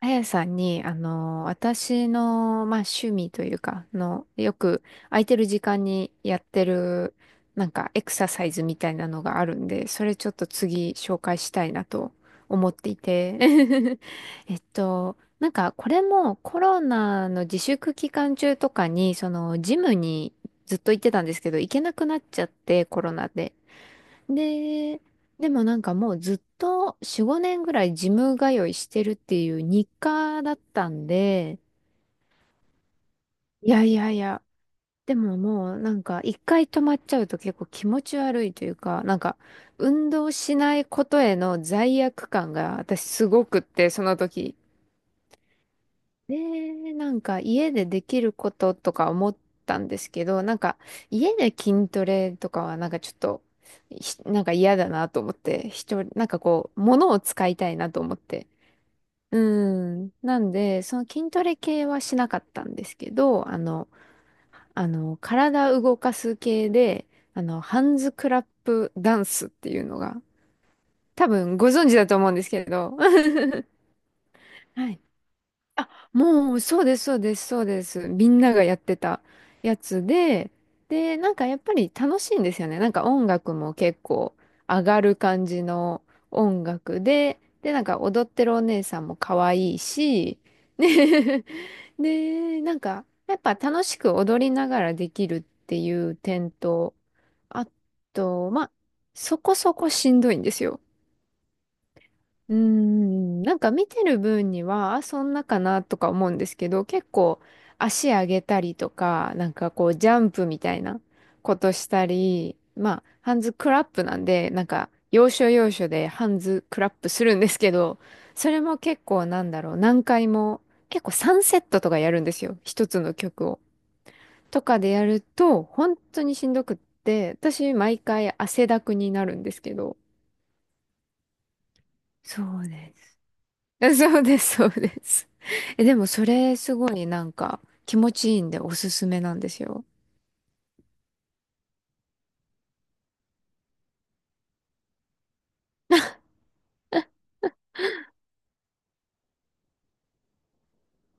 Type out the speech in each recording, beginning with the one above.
あやさんに、私の、まあ、趣味というか、よく空いてる時間にやってる、なんか、エクササイズみたいなのがあるんで、それちょっと次紹介したいなと思っていて。なんか、これもコロナの自粛期間中とかに、その、ジムにずっと行ってたんですけど、行けなくなっちゃって、コロナで。で、でもなんかもうずっと4、5年ぐらいジム通いしてるっていう日課だったんで、いやいやいや、でももうなんか一回止まっちゃうと結構気持ち悪いというか、なんか運動しないことへの罪悪感が私すごくって、その時。ねえ、なんか家でできることとか思ったんですけど、なんか家で筋トレとかはなんかちょっと、なんか嫌だなと思って、一人、なんかこう、物を使いたいなと思って。うん。なんで、その筋トレ系はしなかったんですけど、体動かす系で、ハンズクラップダンスっていうのが、多分ご存知だと思うんですけど、はい、あ、もう、そうです、そうです、そうです。みんながやってたやつで、で、なんかやっぱり楽しいんですよね。なんか音楽も結構上がる感じの音楽で、で、なんか踊ってるお姉さんも可愛いし、ね。 で、なんかやっぱ楽しく踊りながらできるっていう点と、あと、まあ、そこそこしんどいんですよ。うーん、なんか見てる分には、あ、そんなかなとか思うんですけど、結構足上げたりとか、なんかこうジャンプみたいなことしたり、まあ、ハンズクラップなんで、なんか要所要所でハンズクラップするんですけど、それも結構なんだろう、何回も、結構3セットとかやるんですよ、一つの曲を。とかでやると、本当にしんどくって、私毎回汗だくになるんですけど、そうね。そうです、そうです。え、でもそれすごいなんか気持ちいいんでおすすめなんですよ。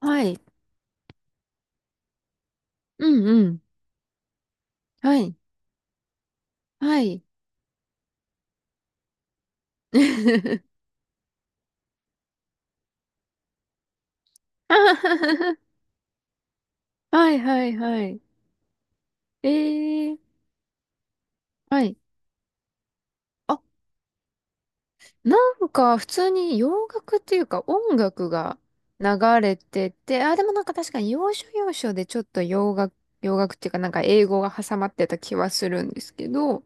はい。うんうん。はい。はい。あははは。はいはいはい。えー、はい。あ、なんか普通に洋楽っていうか音楽が流れてて、あ、でもなんか確かに要所要所でちょっと洋楽、洋楽っていうかなんか英語が挟まってた気はするんですけど、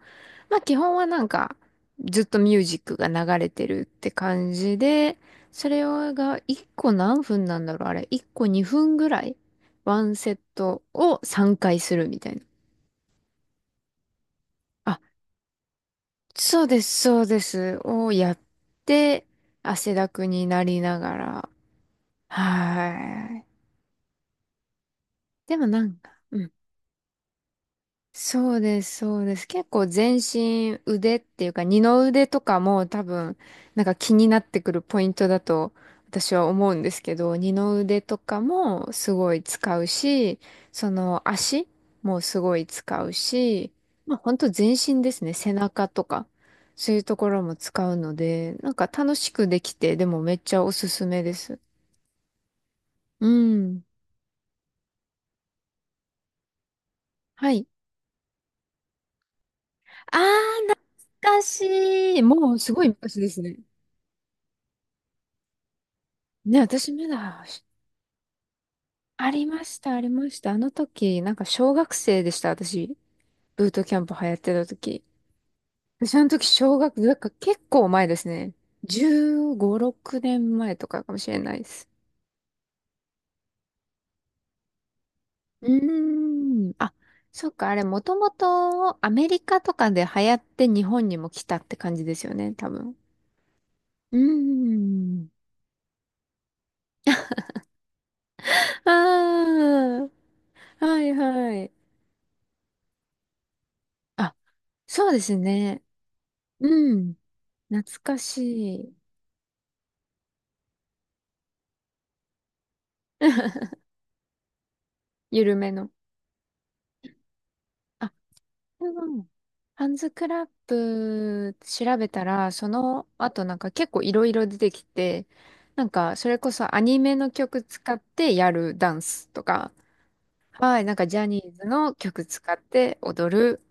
まあ基本はなんかずっとミュージックが流れてるって感じで、それが1個何分なんだろうあれ、1個2分ぐらいワンセットを3回するみたいな。あ、そうです、そうです。をやって、汗だくになりながら。はい。でもなんか、うん。そうです、そうです。結構全身腕っていうか二の腕とかも多分なんか気になってくるポイントだと私は思うんですけど、二の腕とかもすごい使うし、その足もすごい使うし、まあ本当全身ですね。背中とかそういうところも使うので、なんか楽しくできて、でもめっちゃおすすめです。うん。はい。あー、懐かしい。もうすごい昔ですね。ね、私まだ、ありました、ありました。あの時、なんか小学生でした、私。ブートキャンプ流行ってた時。私あの時、なんか結構前ですね。15、6年前とかかもしれないです。うーん。あ、そっか、あれ、もともとアメリカとかで流行って日本にも来たって感じですよね、多分。うーん。ああ、はいはい。あ、そうですね。うん。懐かしい。緩めの。あ、でも、ハンズクラップ調べたら、その後なんか結構いろいろ出てきて、なんかそれこそアニメの曲使ってやるダンスとか、はい、なんかジャニーズの曲使って踊る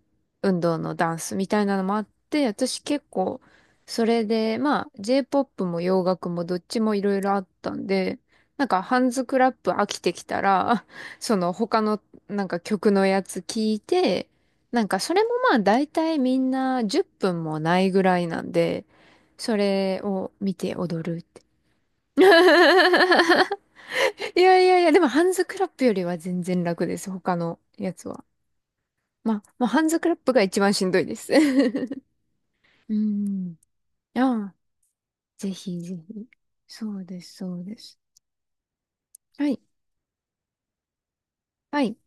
運動のダンスみたいなのもあって、私結構それで、まあ J-POP も洋楽もどっちもいろいろあったんで、なんかハンズクラップ飽きてきたら、その他のなんか曲のやつ聞いて、なんかそれもまあ大体みんな10分もないぐらいなんで、それを見て踊る。 いやいやいや、でもハンズクラップよりは全然楽です、他のやつは。まあ、まあ、ハンズクラップが一番しんどいです。うん。ああ、ぜひぜひ。そうです、そうです。はい。はい。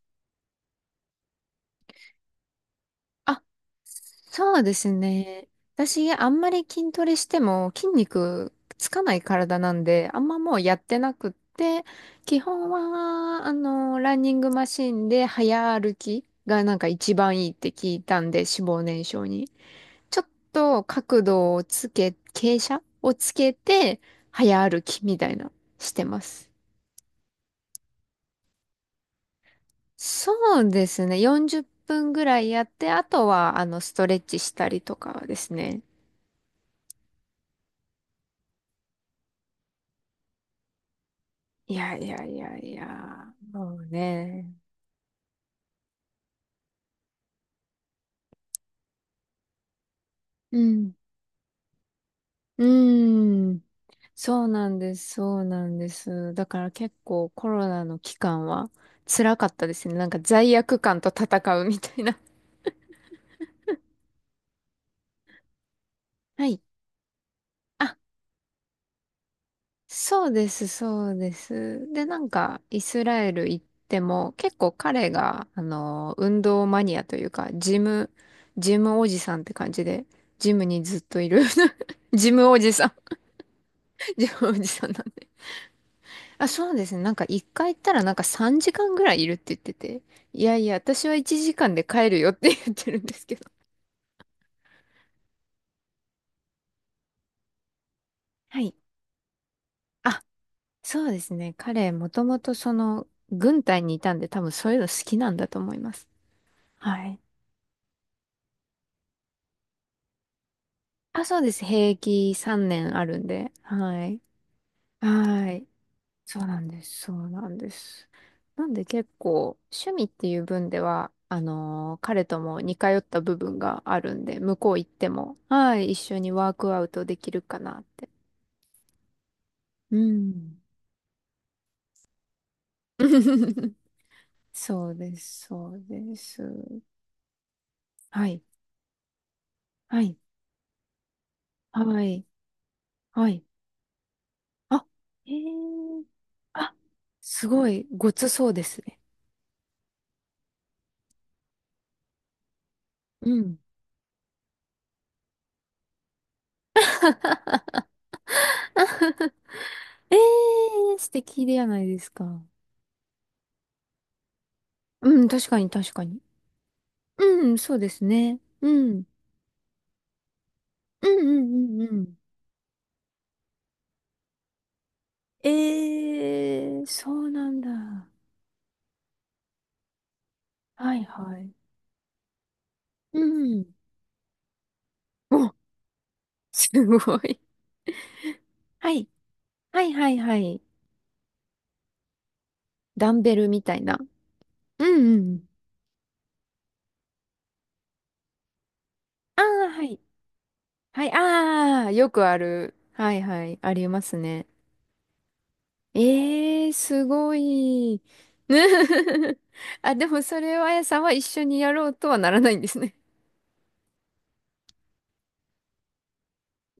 あ、そうですね。私、あんまり筋トレしても筋肉つかない体なんで、あんまもうやってなくって、基本は、ランニングマシンで早歩きがなんか一番いいって聞いたんで、脂肪燃焼に。ちょっと角度をつけ、傾斜をつけて、早歩きみたいな、してます。そうですね。40分ぐらいやって、あとは、ストレッチしたりとかですね。いやいやいやいや。そうね。うん。うん。そうなんです、そうなんです。だから結構コロナの期間は辛かったですね。なんか罪悪感と戦うみたいな。はい。あ、そうです、そうです。で、なんかイスラエル行っても結構彼が、運動マニアというか、ジム、ジムおじさんって感じで、ジムにずっといる。 ジムおじさん。ジムおじさんなんで、あ、そうですね。なんか一回行ったらなんか3時間ぐらいいるって言ってて。いやいや、私は1時間で帰るよって言ってるんですけど。はい。あ、そうですね。彼、もともとその、軍隊にいたんで多分そういうの好きなんだと思います。はい。あ、そうです。兵役3年あるんで。はい。はい。そうなんです。そうなんです。なんで結構趣味っていう分では、彼とも似通った部分があるんで、向こう行っても、はい、一緒にワークアウトできるかなって。うん。そうです、そうです。はい、はい、はい、はい。あ、えー、あ、すごい、ごつそうですね。うん。えー、素敵ではないですか。うん、確かに、確かに。うん、そうですね。うん。うんうんうんうん。えー、そうなんだ。はいはい。うん。お、すごい。はい。はいはいはい。ダンベルみたいな。うんうん。ああ、はい。はい、ああ、よくある。はいはい。ありますね。えー、すごい。あ、でもそれはあやさんは一緒にやろうとはならないんですね。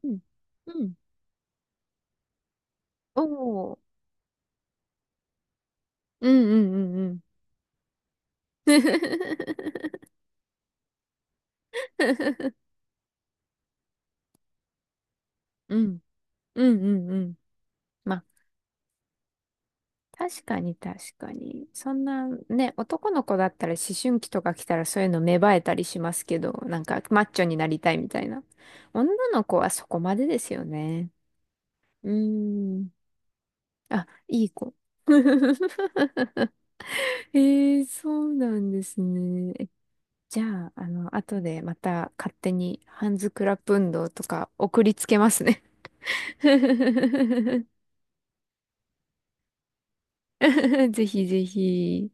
うん。うん。おお。うんうんうんうん。うんうんうんうん。まあ、確かに、確かに。そんな、ね、男の子だったら思春期とか来たらそういうの芽生えたりしますけど、なんかマッチョになりたいみたいな。女の子はそこまでですよね。うーん。あ、いい子。えー、そうなんですね。えじゃあ、後でまた勝手にハンズクラップ運動とか送りつけますね。ぜひぜひ。